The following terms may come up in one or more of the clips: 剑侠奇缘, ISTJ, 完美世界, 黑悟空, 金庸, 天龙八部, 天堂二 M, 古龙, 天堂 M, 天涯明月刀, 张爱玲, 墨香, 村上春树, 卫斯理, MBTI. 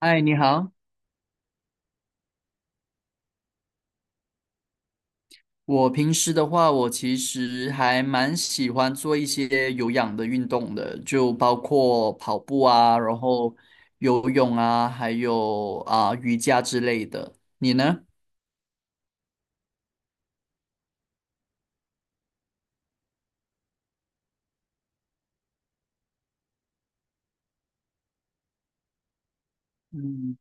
嗨，你好。我平时的话，我其实还蛮喜欢做一些有氧的运动的，就包括跑步啊，然后游泳啊，还有啊、瑜伽之类的。你呢？嗯，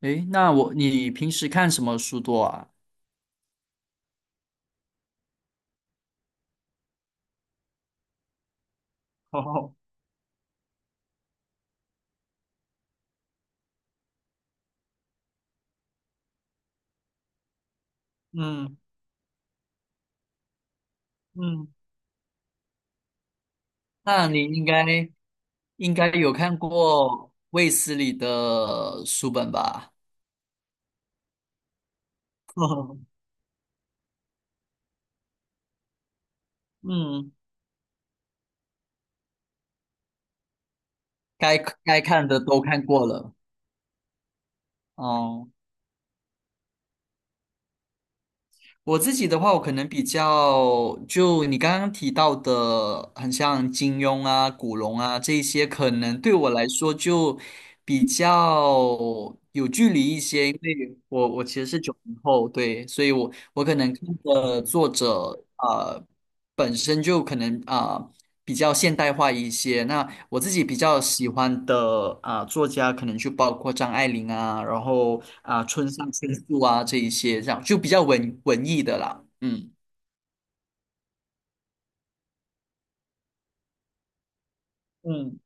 诶，那我，你平时看什么书多啊？哦，嗯嗯 那你应该有看过卫斯理的书本吧？嗯，该该看的都看过了。哦。我自己的话，我可能比较就你刚刚提到的，很像金庸啊、古龙啊这一些，可能对我来说就比较有距离一些，因为我其实是九零后，对，所以我可能看的作者啊，本身就可能啊、比较现代化一些。那我自己比较喜欢的啊、作家，可能就包括张爱玲啊，然后啊、村上春树啊这一些，这样就比较文艺的啦。嗯，嗯。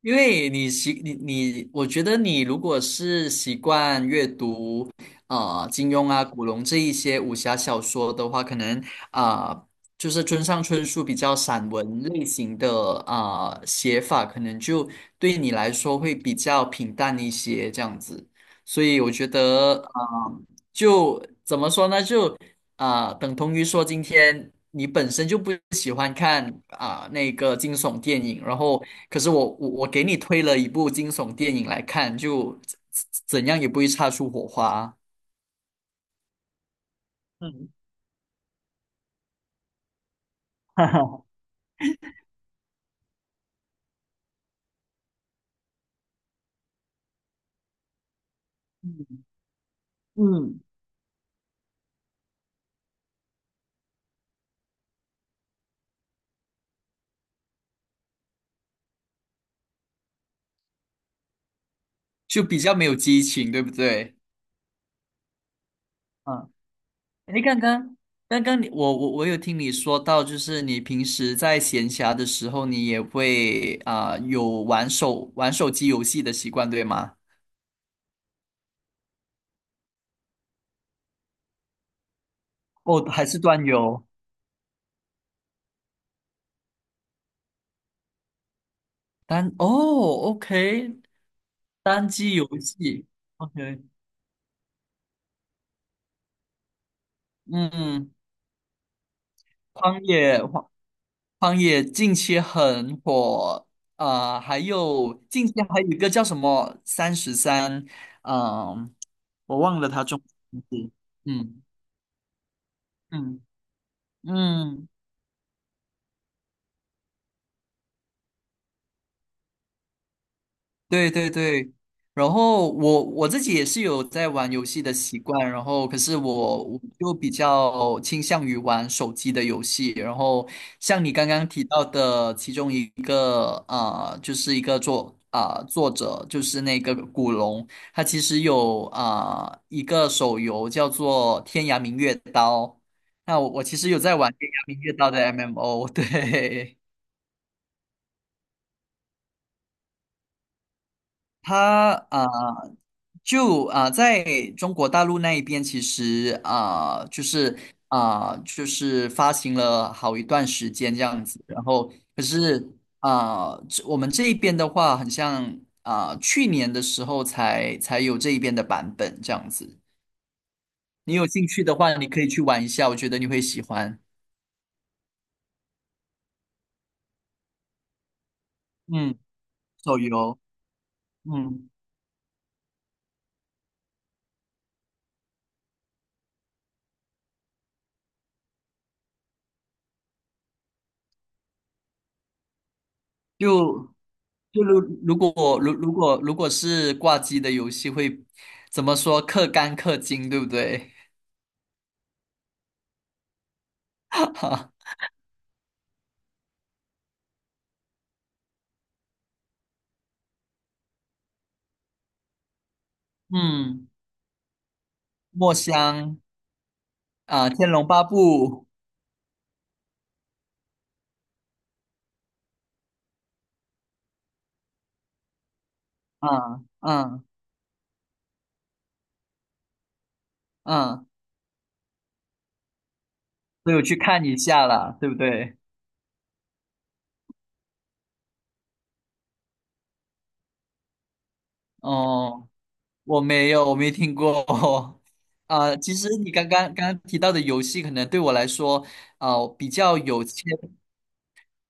因为你习你你，我觉得你如果是习惯阅读，啊金庸啊、古龙这一些武侠小说的话，可能啊、就是村上春树比较散文类型的啊、写法，可能就对你来说会比较平淡一些这样子。所以我觉得，啊，就怎么说呢，就啊、等同于说今天你本身就不喜欢看啊、那个惊悚电影，然后可是我给你推了一部惊悚电影来看，就怎样也不会擦出火花，嗯，哈哈，嗯就比较没有激情，对不对？嗯，诶，刚刚你我有听你说到，就是你平时在闲暇的时候，你也会啊、有玩手机游戏的习惯，对吗？哦，还是端游单哦，OK,单机游戏，OK,嗯，荒野荒荒野近期很火，还有近期还有一个叫什么三十三，嗯，我忘了他中文名字，嗯嗯嗯，对对对，然后我自己也是有在玩游戏的习惯，然后可是我就比较倾向于玩手机的游戏，然后像你刚刚提到的其中一个啊，就是一个作者就是那个古龙，他其实有啊、一个手游叫做《天涯明月刀》，那我其实有在玩《天涯明月刀》的 MMO,对。它啊、就啊、在中国大陆那一边，其实啊、就是发行了好一段时间这样子。然后，可是啊、这我们这一边的话，很像啊、去年的时候才有这一边的版本这样子。你有兴趣的话，你可以去玩一下，我觉得你会喜欢。嗯，手游，嗯。就就如果是挂机的游戏会怎么说？氪肝氪金，对不对？哈，嗯，墨香啊，《天龙八部》啊，嗯嗯，都有去看一下了，对不对？哦，我没有，我没听过。啊，其实你刚刚提到的游戏，可能对我来说，啊，比较有切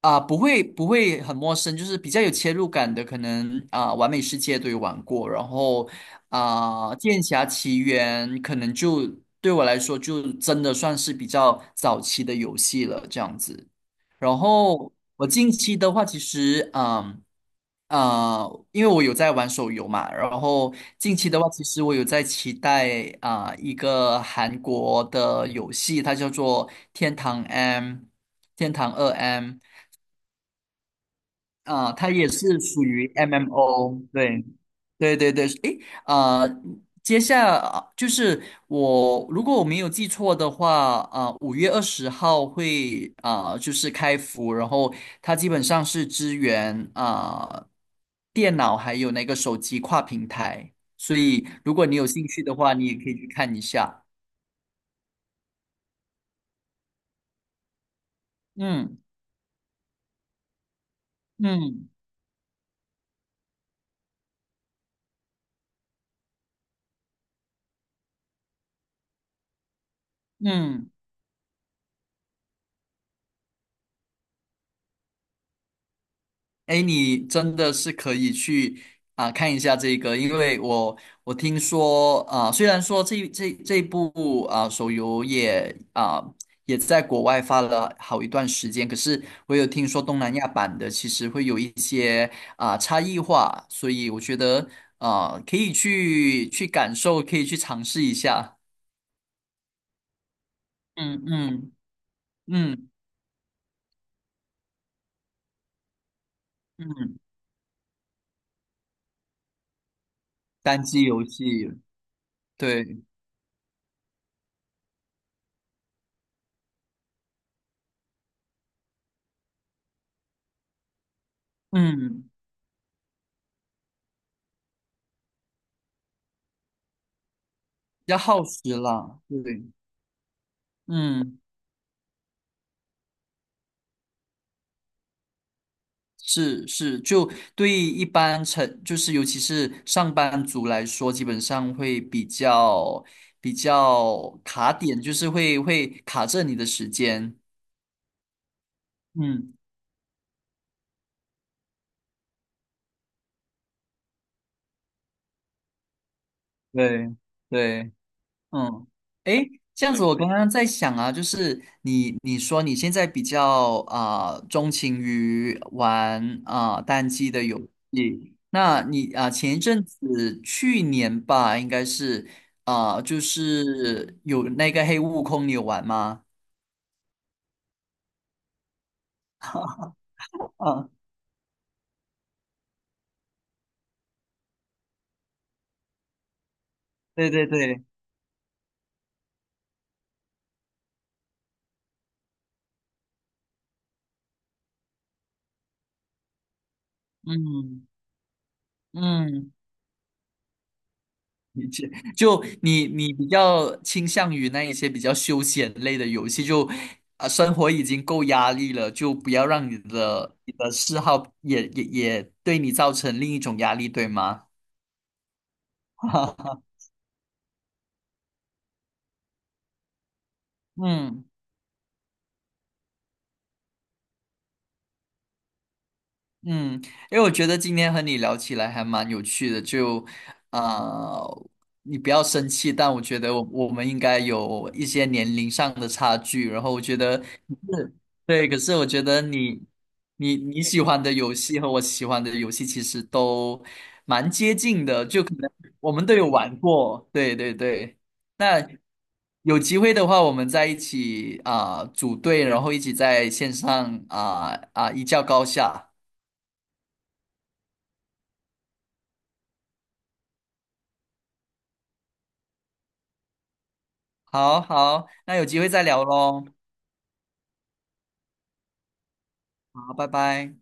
啊、不会不会很陌生，就是比较有切入感的，可能啊、完美世界》都有玩过，然后啊、剑侠奇缘》可能就对我来说就真的算是比较早期的游戏了，这样子。然后我近期的话，其实因为我有在玩手游嘛，然后近期的话，其实我有在期待啊、一个韩国的游戏，它叫做《天堂 M》《天堂二 M》。啊，它也是属于 MMO,对，对对对，诶，啊，接下啊，就是我，如果我没有记错的话，啊、五月二十号会啊、就是开服，然后它基本上是支援啊、电脑还有那个手机跨平台，所以如果你有兴趣的话，你也可以去看一下。嗯嗯嗯。哎，你真的是可以去啊、看一下这个，因为我听说啊、虽然说这部啊、手游也在国外发了好一段时间，可是我有听说东南亚版的其实会有一些啊、差异化，所以我觉得啊、可以去去感受，可以去尝试一下。嗯嗯嗯嗯，单机游戏，对，嗯，要耗时了，对，嗯。是是，就对于一般成，就是尤其是上班族来说，基本上会比较卡点，就是会卡着你的时间。嗯，对对。嗯，诶，这样子，我刚刚在想啊，就是你说你现在比较啊、钟情于玩啊、单机的游戏，那你啊、前一阵子去年吧，应该是啊、就是有那个黑悟空，你有玩吗？啊，对对对，嗯嗯。理解就你比较倾向于那一些比较休闲类的游戏，就啊生活已经够压力了，就不要让你的嗜好也对你造成另一种压力，对吗？嗯。嗯，因为我觉得今天和你聊起来还蛮有趣的，就啊、呃你不要生气，但我觉得我们应该有一些年龄上的差距，然后我觉得是对，可是我觉得你喜欢的游戏和我喜欢的游戏其实都蛮接近的，就可能我们都有玩过，对对对。那有机会的话，我们在一起啊、组队，然后一起在线上一较高下。好好，那有机会再聊喽。好，拜拜。